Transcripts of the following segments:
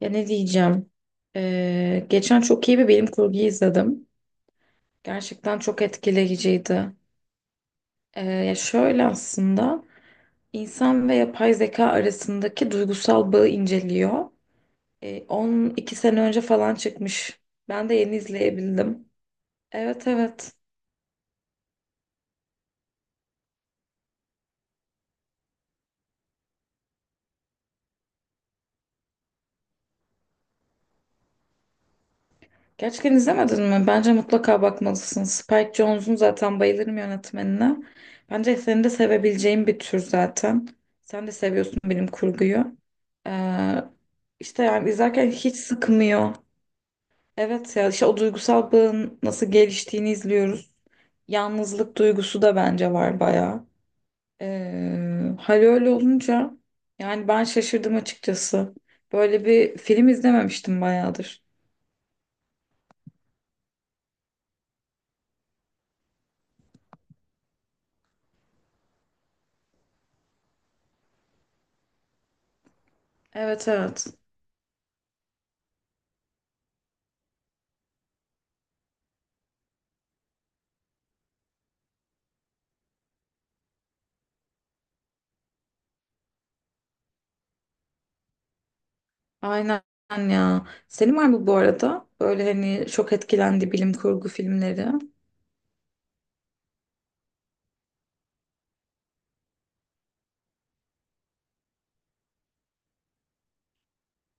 Ya ne diyeceğim? Geçen çok iyi bir bilim kurgu izledim. Gerçekten çok etkileyiciydi. Ya şöyle, aslında insan ve yapay zeka arasındaki duygusal bağı inceliyor. 12 sene önce falan çıkmış. Ben de yeni izleyebildim. Evet, evet. Gerçekten izlemedin mi? Bence mutlaka bakmalısın. Spike Jonze'un zaten bayılırım yönetmenine. Bence senin de sevebileceğin bir tür zaten. Sen de seviyorsun bilim kurguyu. Ee, işte yani izlerken hiç sıkmıyor. Evet ya, işte o duygusal bağın nasıl geliştiğini izliyoruz. Yalnızlık duygusu da bence var bayağı. Hal öyle olunca yani ben şaşırdım açıkçası. Böyle bir film izlememiştim bayağıdır. Evet, evet. Aynen ya. Senin var mı bu arada? Böyle hani çok etkilendi bilim kurgu filmleri.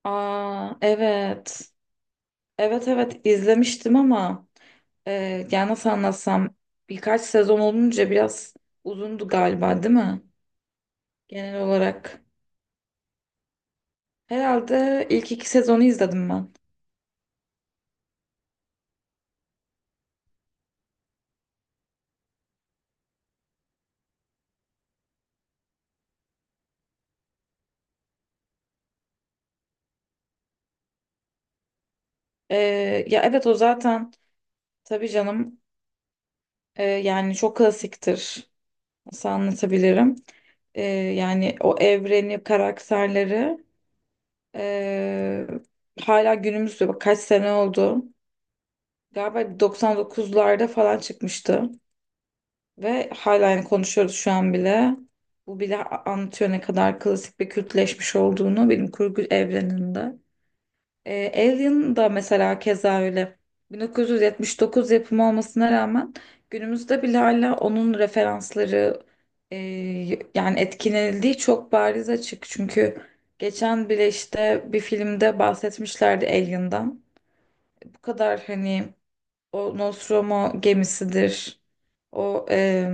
Aa, evet. Evet, evet, izlemiştim ama e, yani nasıl anlatsam, birkaç sezon olunca biraz uzundu galiba, değil mi? Genel olarak. Herhalde ilk iki sezonu izledim ben. E, Ya evet, o zaten tabii canım, yani çok klasiktir. Nasıl anlatabilirim? Yani o evreni, karakterleri. Ee, Hala günümüzde, bak kaç sene oldu. Galiba 99'larda falan çıkmıştı. Ve hala yani konuşuyoruz şu an bile. Bu bile anlatıyor ne kadar klasik ve kültleşmiş olduğunu bilim kurgu evreninde. Alien da mesela keza öyle. 1979 yapımı olmasına rağmen günümüzde bile hala onun referansları, e, yani etkilenildiği çok bariz, açık. Çünkü geçen bile işte bir filmde bahsetmişlerdi Alien'dan. Bu kadar hani. O Nostromo gemisidir. O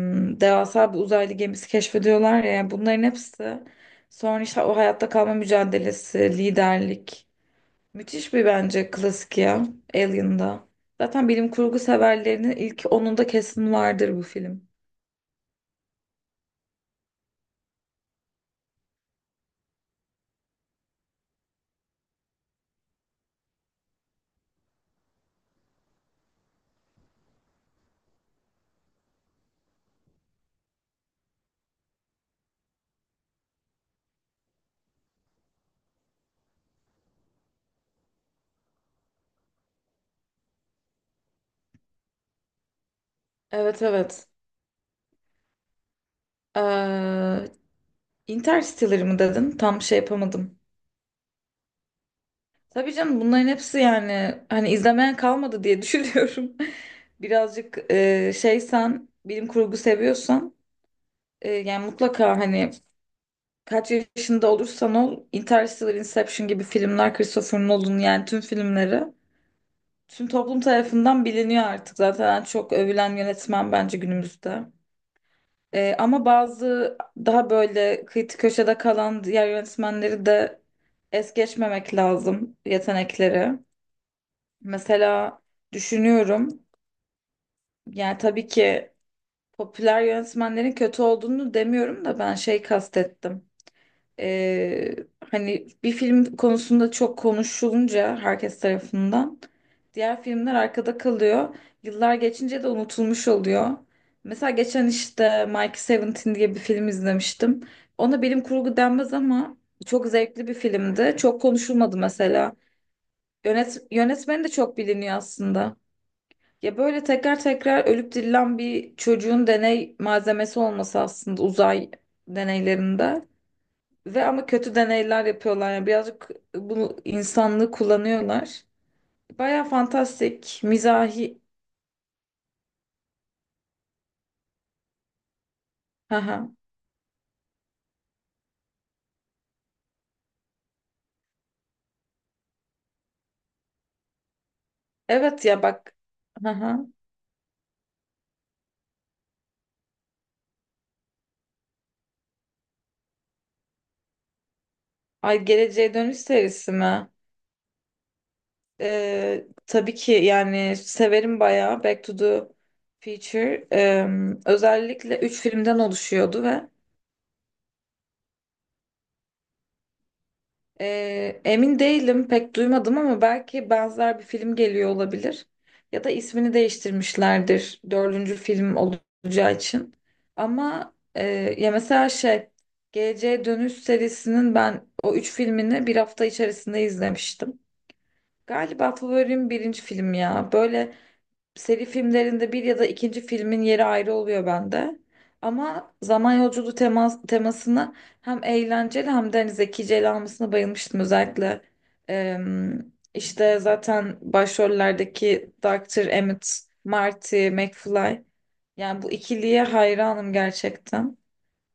devasa bir uzaylı gemisi keşfediyorlar ya, yani bunların hepsi, sonra işte o hayatta kalma mücadelesi, liderlik. Müthiş bir bence klasik ya Alien'da. Zaten bilim kurgu severlerinin ilk onunda kesin vardır bu film. Evet, evet. Ee, Interstellar mı dedin? Tam şey yapamadım. Tabii canım, bunların hepsi yani hani izlemeyen kalmadı diye düşünüyorum. Birazcık şeysen, bilim kurgu seviyorsan, yani mutlaka hani kaç yaşında olursan ol Interstellar, Inception gibi filmler, Christopher Nolan yani tüm filmleri. Tüm toplum tarafından biliniyor artık, zaten en çok övülen yönetmen bence günümüzde. Ama bazı daha böyle kıyı köşede kalan diğer yönetmenleri de es geçmemek lazım, yetenekleri. Mesela düşünüyorum, yani tabii ki popüler yönetmenlerin kötü olduğunu demiyorum da, ben şey kastettim. Ee, Hani bir film konusunda çok konuşulunca herkes tarafından, diğer filmler arkada kalıyor. Yıllar geçince de unutulmuş oluyor. Mesela geçen işte Mike Seventeen diye bir film izlemiştim. Ona bilim kurgu denmez ama çok zevkli bir filmdi. Çok konuşulmadı mesela. Yönetmeni de çok biliniyor aslında. Ya böyle tekrar tekrar ölüp dirilen bir çocuğun deney malzemesi olması, aslında uzay deneylerinde. Ve ama kötü deneyler yapıyorlar. Yani birazcık bunu, insanlığı kullanıyorlar. Baya fantastik, mizahi. Haha. Evet ya, bak. Haha. Ay, Geleceğe Dönüş serisi mi? Tabii ki, yani severim bayağı Back to the Future. Özellikle 3 filmden oluşuyordu ve emin değilim, pek duymadım ama belki benzer bir film geliyor olabilir. Ya da ismini değiştirmişlerdir dördüncü film olacağı için. Ama ya mesela şey, Geleceğe Dönüş serisinin ben o üç filmini bir hafta içerisinde izlemiştim. Galiba favorim birinci film ya. Böyle seri filmlerinde bir ya da ikinci filmin yeri ayrı oluyor bende. Ama zaman yolculuğu temasını hem eğlenceli hem de hani zekice ele almasına bayılmıştım. Özellikle işte zaten başrollerdeki doktor Emmett, Marty, McFly. Yani bu ikiliye hayranım gerçekten.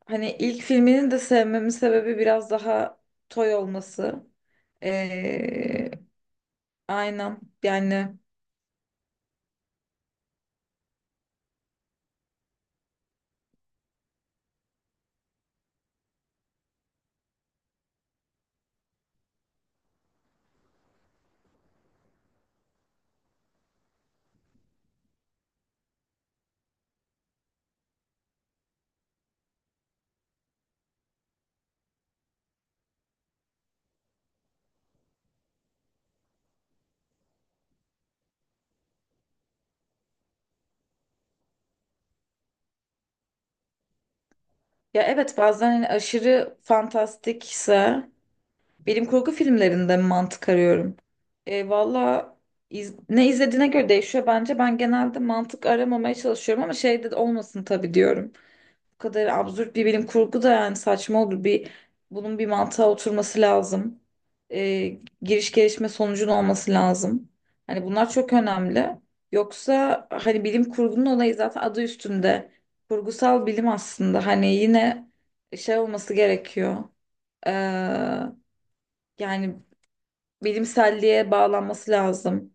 Hani ilk filminin de sevmemin sebebi biraz daha toy olması. Ee, aynen yani. Ya evet, bazen hani aşırı fantastikse bilim kurgu filmlerinde mantık arıyorum. Valla ne izlediğine göre değişiyor bence. Ben genelde mantık aramamaya çalışıyorum ama şey de olmasın tabii diyorum. Bu kadar absürt bir bilim kurgu da yani saçma olur. Bunun bir mantığa oturması lazım. Giriş, gelişme, sonucun olması lazım. Hani bunlar çok önemli. Yoksa hani bilim kurgunun olayı zaten adı üstünde. Kurgusal bilim aslında. Hani yine şey olması gerekiyor. Ee, Yani bilimselliğe bağlanması lazım.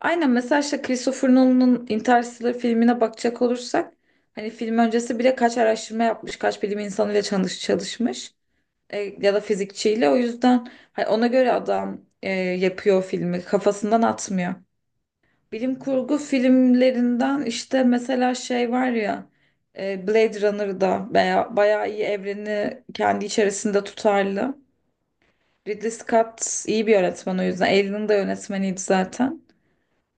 Aynen, mesela işte Christopher Nolan'ın Interstellar filmine bakacak olursak, hani film öncesi bile kaç araştırma yapmış, kaç bilim insanıyla çalışmış, ya da fizikçiyle. O yüzden hani ona göre adam yapıyor filmi, kafasından atmıyor. Bilim kurgu filmlerinden işte mesela şey var ya, Blade Runner'da bayağı iyi, evreni kendi içerisinde tutarlı. Ridley Scott iyi bir yönetmen o yüzden. Alien'ın da yönetmeniydi zaten.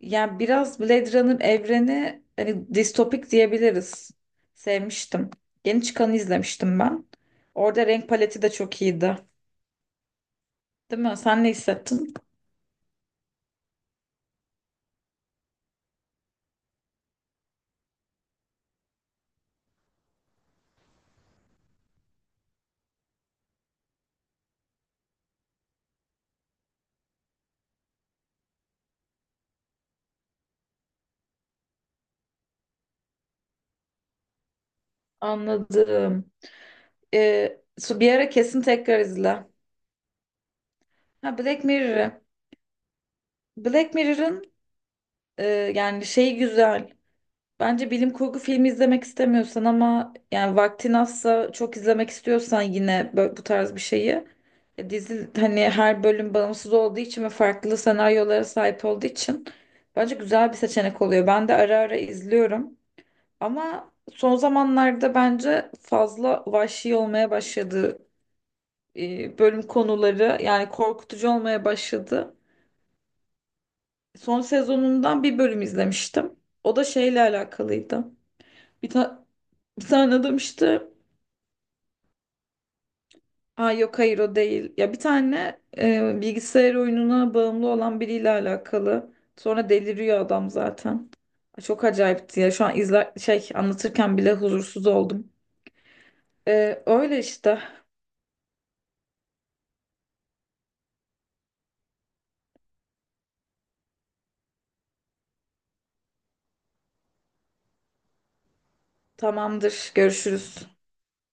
Yani biraz Blade Runner evreni hani distopik diyebiliriz. Sevmiştim. Yeni çıkanı izlemiştim ben. Orada renk paleti de çok iyiydi. Değil mi? Sen ne hissettin? Anladım. Bir ara kesin tekrar izle. Ha, Black Mirror. Black Mirror'ın e, yani şeyi güzel. Bence bilim kurgu filmi izlemek istemiyorsan ama yani vaktin azsa, çok izlemek istiyorsan yine bu tarz bir şeyi, dizi, hani her bölüm bağımsız olduğu için ve farklı senaryolara sahip olduğu için bence güzel bir seçenek oluyor. Ben de ara ara izliyorum ama son zamanlarda bence fazla vahşi olmaya başladı, bölüm konuları yani korkutucu olmaya başladı. Son sezonundan bir bölüm izlemiştim. O da şeyle alakalıydı. Bir ta- Bir tane adam işte. Aa, yok hayır, o değil. Ya bir tane bilgisayar oyununa bağımlı olan biriyle alakalı. Sonra deliriyor adam zaten. Çok acayipti ya. Şu an izler şey anlatırken bile huzursuz oldum. Öyle işte. Tamamdır. Görüşürüz.